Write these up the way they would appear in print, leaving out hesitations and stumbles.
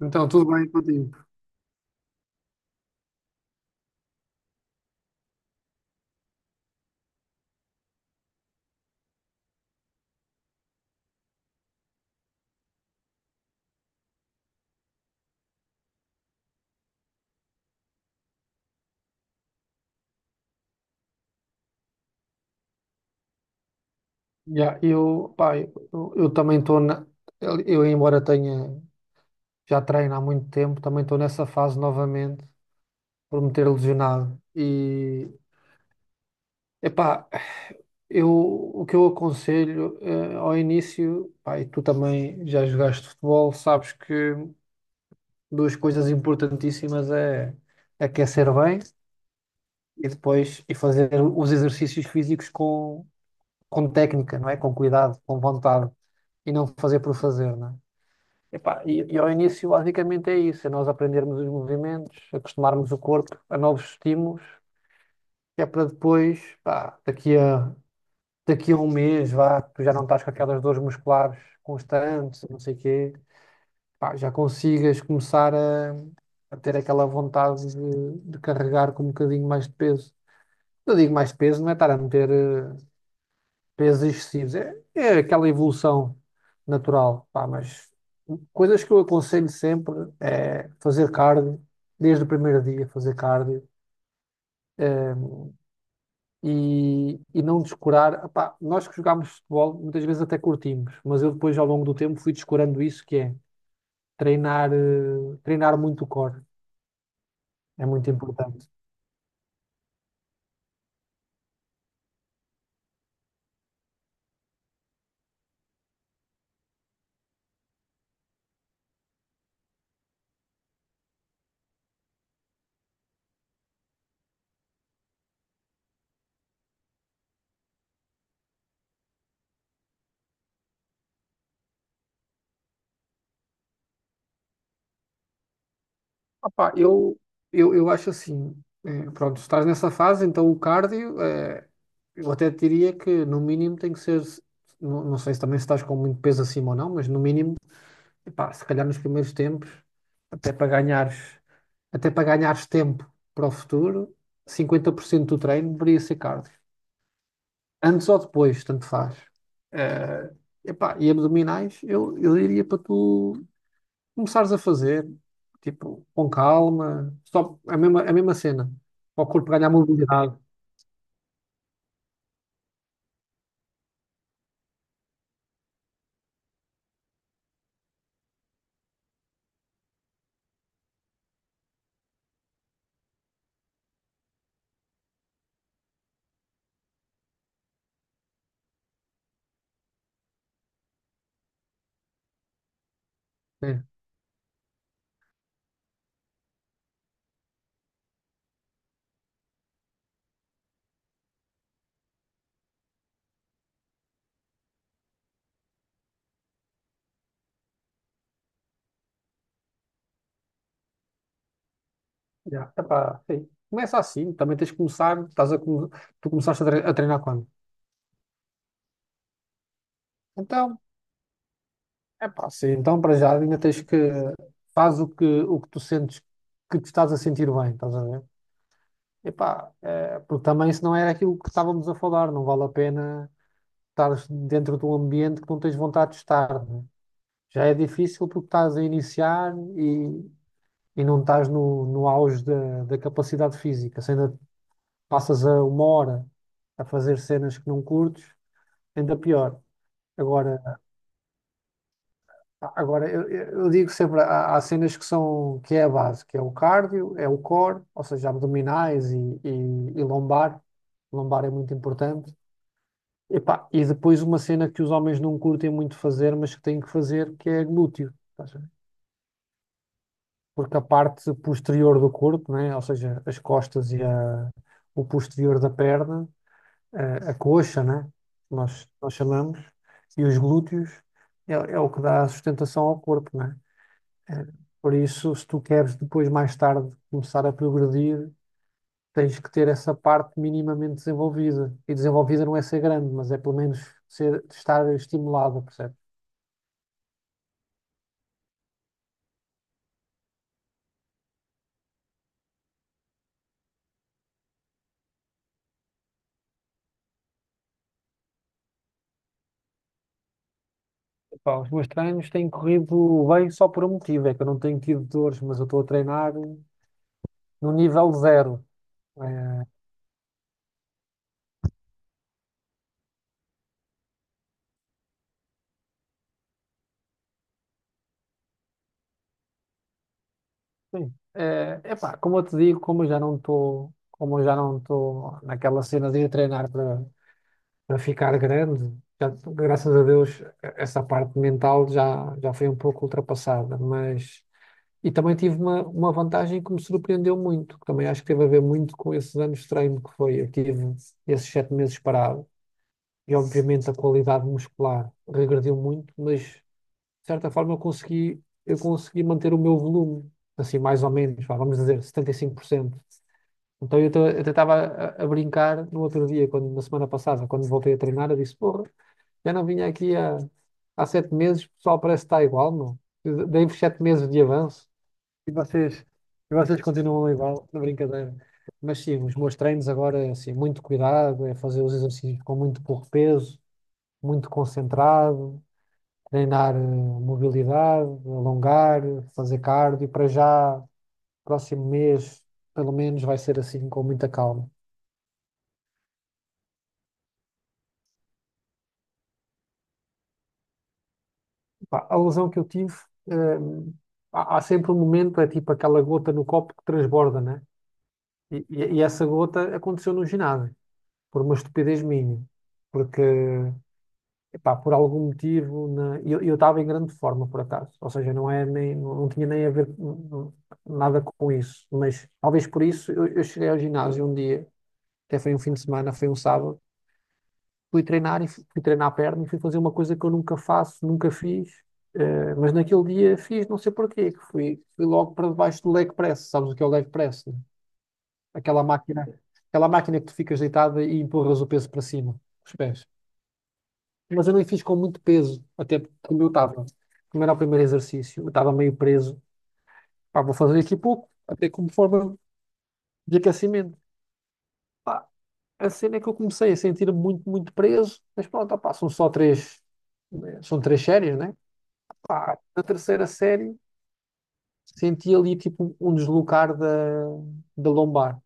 Então, tudo bem contigo? Yeah, eu, pá, eu também estou na. Embora tenha já treino há muito tempo, também estou nessa fase novamente por me ter lesionado. E, epá, eu, o que eu aconselho ao início, pá, e tu também já jogaste futebol, sabes que duas coisas importantíssimas é aquecer bem e depois e fazer os exercícios físicos com técnica, não é? Com cuidado, com vontade e não fazer por fazer, não é? Epá, e ao início, basicamente, é isso: é nós aprendermos os movimentos, acostumarmos o corpo a novos estímulos, que é para depois, pá, daqui a um mês, vá, tu já não estás com aquelas dores musculares constantes, não sei o quê, pá, já consigas começar a ter aquela vontade de carregar com um bocadinho mais de peso. Eu digo mais de peso, não é estar a meter pesos excessivos. É aquela evolução natural, pá, mas coisas que eu aconselho sempre é fazer cardio, desde o primeiro dia fazer cardio, eh, e não descurar. Pá, nós que jogámos futebol, muitas vezes até curtimos, mas eu depois ao longo do tempo fui descurando isso, que é treinar muito o core. É muito importante. Opa, eu acho assim, pronto, estás nessa fase, então o cardio, eu até diria que no mínimo tem que ser, não sei se também se estás com muito peso acima ou não, mas no mínimo, epá, se calhar nos primeiros tempos, até para ganhares, até para ganhares tempo para o futuro, 50% do treino deveria ser cardio. Antes ou depois, tanto faz. Eh, epá, e abdominais, eu diria para tu começares a fazer, tipo, com calma, só a mesma cena, para o corpo ganhar mobilidade, né? Já, epá, sim. Começa assim, também tens de começar, tu começaste a treinar quando? Então, epá, sim, então para já ainda tens que, faz o que tu sentes que te estás a sentir bem, estás a ver? Epá, porque também isso não era aquilo que estávamos a falar, não vale a pena estar dentro de um ambiente que não tens vontade de estar, né? Já é difícil porque estás a iniciar e não estás no auge da capacidade física, se ainda passas a uma hora a fazer cenas que não curtes, ainda pior. Agora, agora eu digo sempre, há cenas que são, que é a base, que é o cardio, é o core, ou seja, abdominais e, e lombar. Lombar é muito importante. Epá, e depois uma cena que os homens não curtem muito fazer, mas que têm que fazer, que é glúteo. Porque a parte posterior do corpo, né? Ou seja, as costas e o posterior da perna, a coxa, né? Nós chamamos, e os glúteos, é o que dá a sustentação ao corpo, né? É, por isso, se tu queres depois, mais tarde, começar a progredir, tens que ter essa parte minimamente desenvolvida. E desenvolvida não é ser grande, mas é pelo menos ser, estar estimulada, percebe? Pá, os meus treinos têm corrido bem só por um motivo, é que eu não tenho tido dores, mas eu estou a treinar no nível zero. Eh, sim. É epá, como eu te digo, como eu já não estou naquela cena de ir treinar para ficar grande, já, graças a Deus essa parte mental já foi um pouco ultrapassada, mas e também tive uma vantagem que me surpreendeu muito, que também acho que teve a ver muito com esses anos de treino que foi, eu tive esses 7 meses parado e obviamente a qualidade muscular regrediu muito, mas de certa forma, eu consegui manter o meu volume, assim, mais ou menos, vá, vamos dizer, 75%. Então, eu até estava a brincar no outro dia, quando, na semana passada, quando voltei a treinar, eu disse, porra, já não vinha aqui há 7 meses, o pessoal parece que está igual, meu. Eu Dei-vos 7 meses de avanço e vocês, e vocês continuam igual, na brincadeira. Mas sim, os meus treinos agora, é assim, muito cuidado, é fazer os exercícios com muito pouco peso, muito concentrado, treinar mobilidade, alongar, fazer cardio. Para já, próximo mês, pelo menos, vai ser assim, com muita calma. Pá, a lesão que eu tive, eh, há sempre um momento, é tipo aquela gota no copo que transborda, né? E essa gota aconteceu no ginásio, por uma estupidez minha. Porque, epá, por algum motivo, eu estava em grande forma, por acaso. Ou seja, não é nem, não tinha nem a ver nada com isso. Mas talvez por isso eu cheguei ao ginásio um dia até foi um fim de semana, foi um sábado, fui treinar e fui treinar a perna e fui fazer uma coisa que eu nunca faço, nunca fiz, mas naquele dia fiz, não sei porquê, que fui logo para debaixo do leg press, sabes o que é o leg press? Né? Aquela máquina, aquela máquina que tu ficas deitada e empurras o peso para cima, os pés. Mas eu não fiz com muito peso, até porque como eu estava, como era o primeiro exercício, eu estava meio preso, pá, vou fazer aqui pouco, até como forma de aquecimento. A cena é que eu comecei a sentir-me muito, muito preso, mas pronto, opá, são só três, são 3 séries, né? Pá, na terceira série senti ali tipo um deslocar da lombar.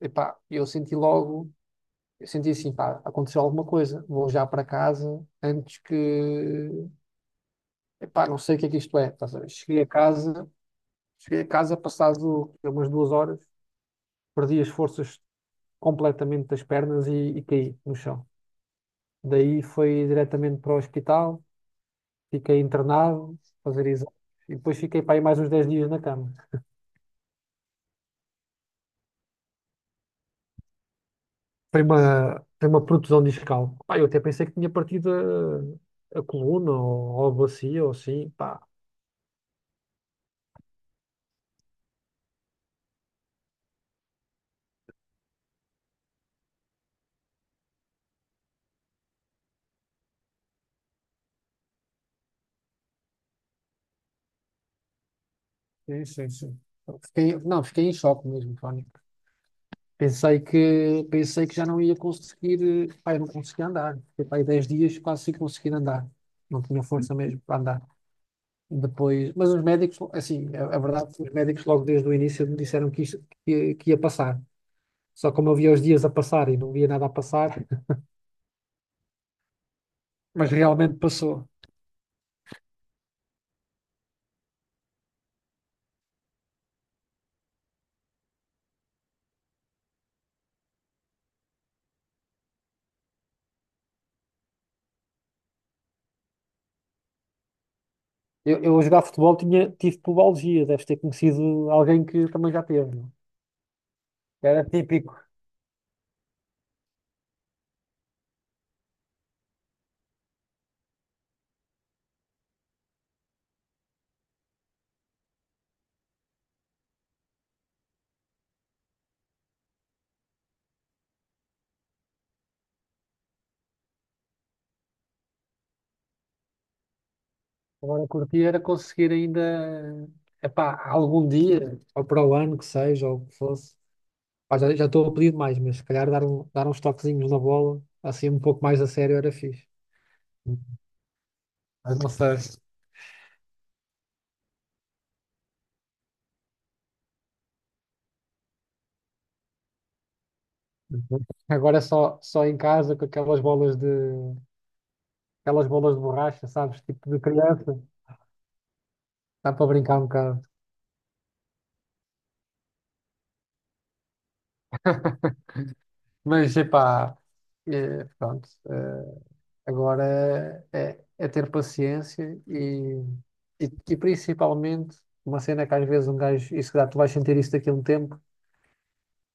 Epá, eu senti assim, pá, aconteceu alguma coisa, vou já para casa antes que, epá, não sei o que é que isto é. Estás a ver? Cheguei a casa passado umas 2 horas, perdi as forças completamente das pernas e caí no chão. Daí foi diretamente para o hospital. Fiquei internado, fazer exames, e depois fiquei para aí mais uns 10 dias na cama. Foi uma protusão discal. Pá, eu até pensei que tinha partido a coluna ou a bacia ou assim, pá. Sim, sim, sim. Fiquei, não, fiquei em choque mesmo, Fónico. Pensei que já não ia conseguir, pá, eu não conseguia andar. Fiquei para aí 10 dias quase sem conseguir andar. Não tinha força mesmo para andar. Depois, mas os médicos, assim, a verdade, os médicos logo desde o início me disseram que, isto, que ia passar. Só como eu via os dias a passar e não via nada a passar, mas realmente passou. Eu a jogar futebol tinha, tive pubalgia, deves ter conhecido alguém que também já teve. Não? Era típico. Agora curtir era conseguir ainda, epá, algum dia, ou para o ano que seja, ou o que fosse. Pá, já estou a pedir mais, mas se calhar dar, um, dar uns toquezinhos na bola, assim um pouco mais a sério era fixe. Mas não sei. Agora é só em casa com aquelas bolas de borracha, sabes? Tipo de criança. Dá para brincar um bocado. Mas, epá, é, pronto. Agora é ter paciência e principalmente uma cena que às vezes um gajo, isso dá, tu vais sentir isso daqui a um tempo,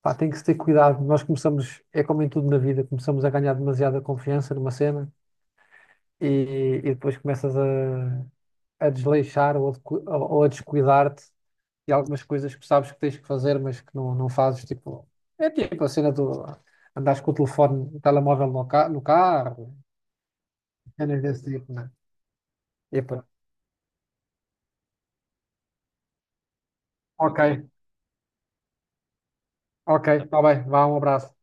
pá, tem que se ter cuidado. Nós começamos, é como em tudo na vida, começamos a ganhar demasiada confiança numa cena e, e depois começas a desleixar ou ou a descuidar-te e algumas coisas que sabes que tens que fazer, mas que não fazes, tipo, é tipo a cena do andares com o telefone, o telemóvel no carro, cenas desse tipo, né? E, pá, ok, ok, está bem, vá, um abraço.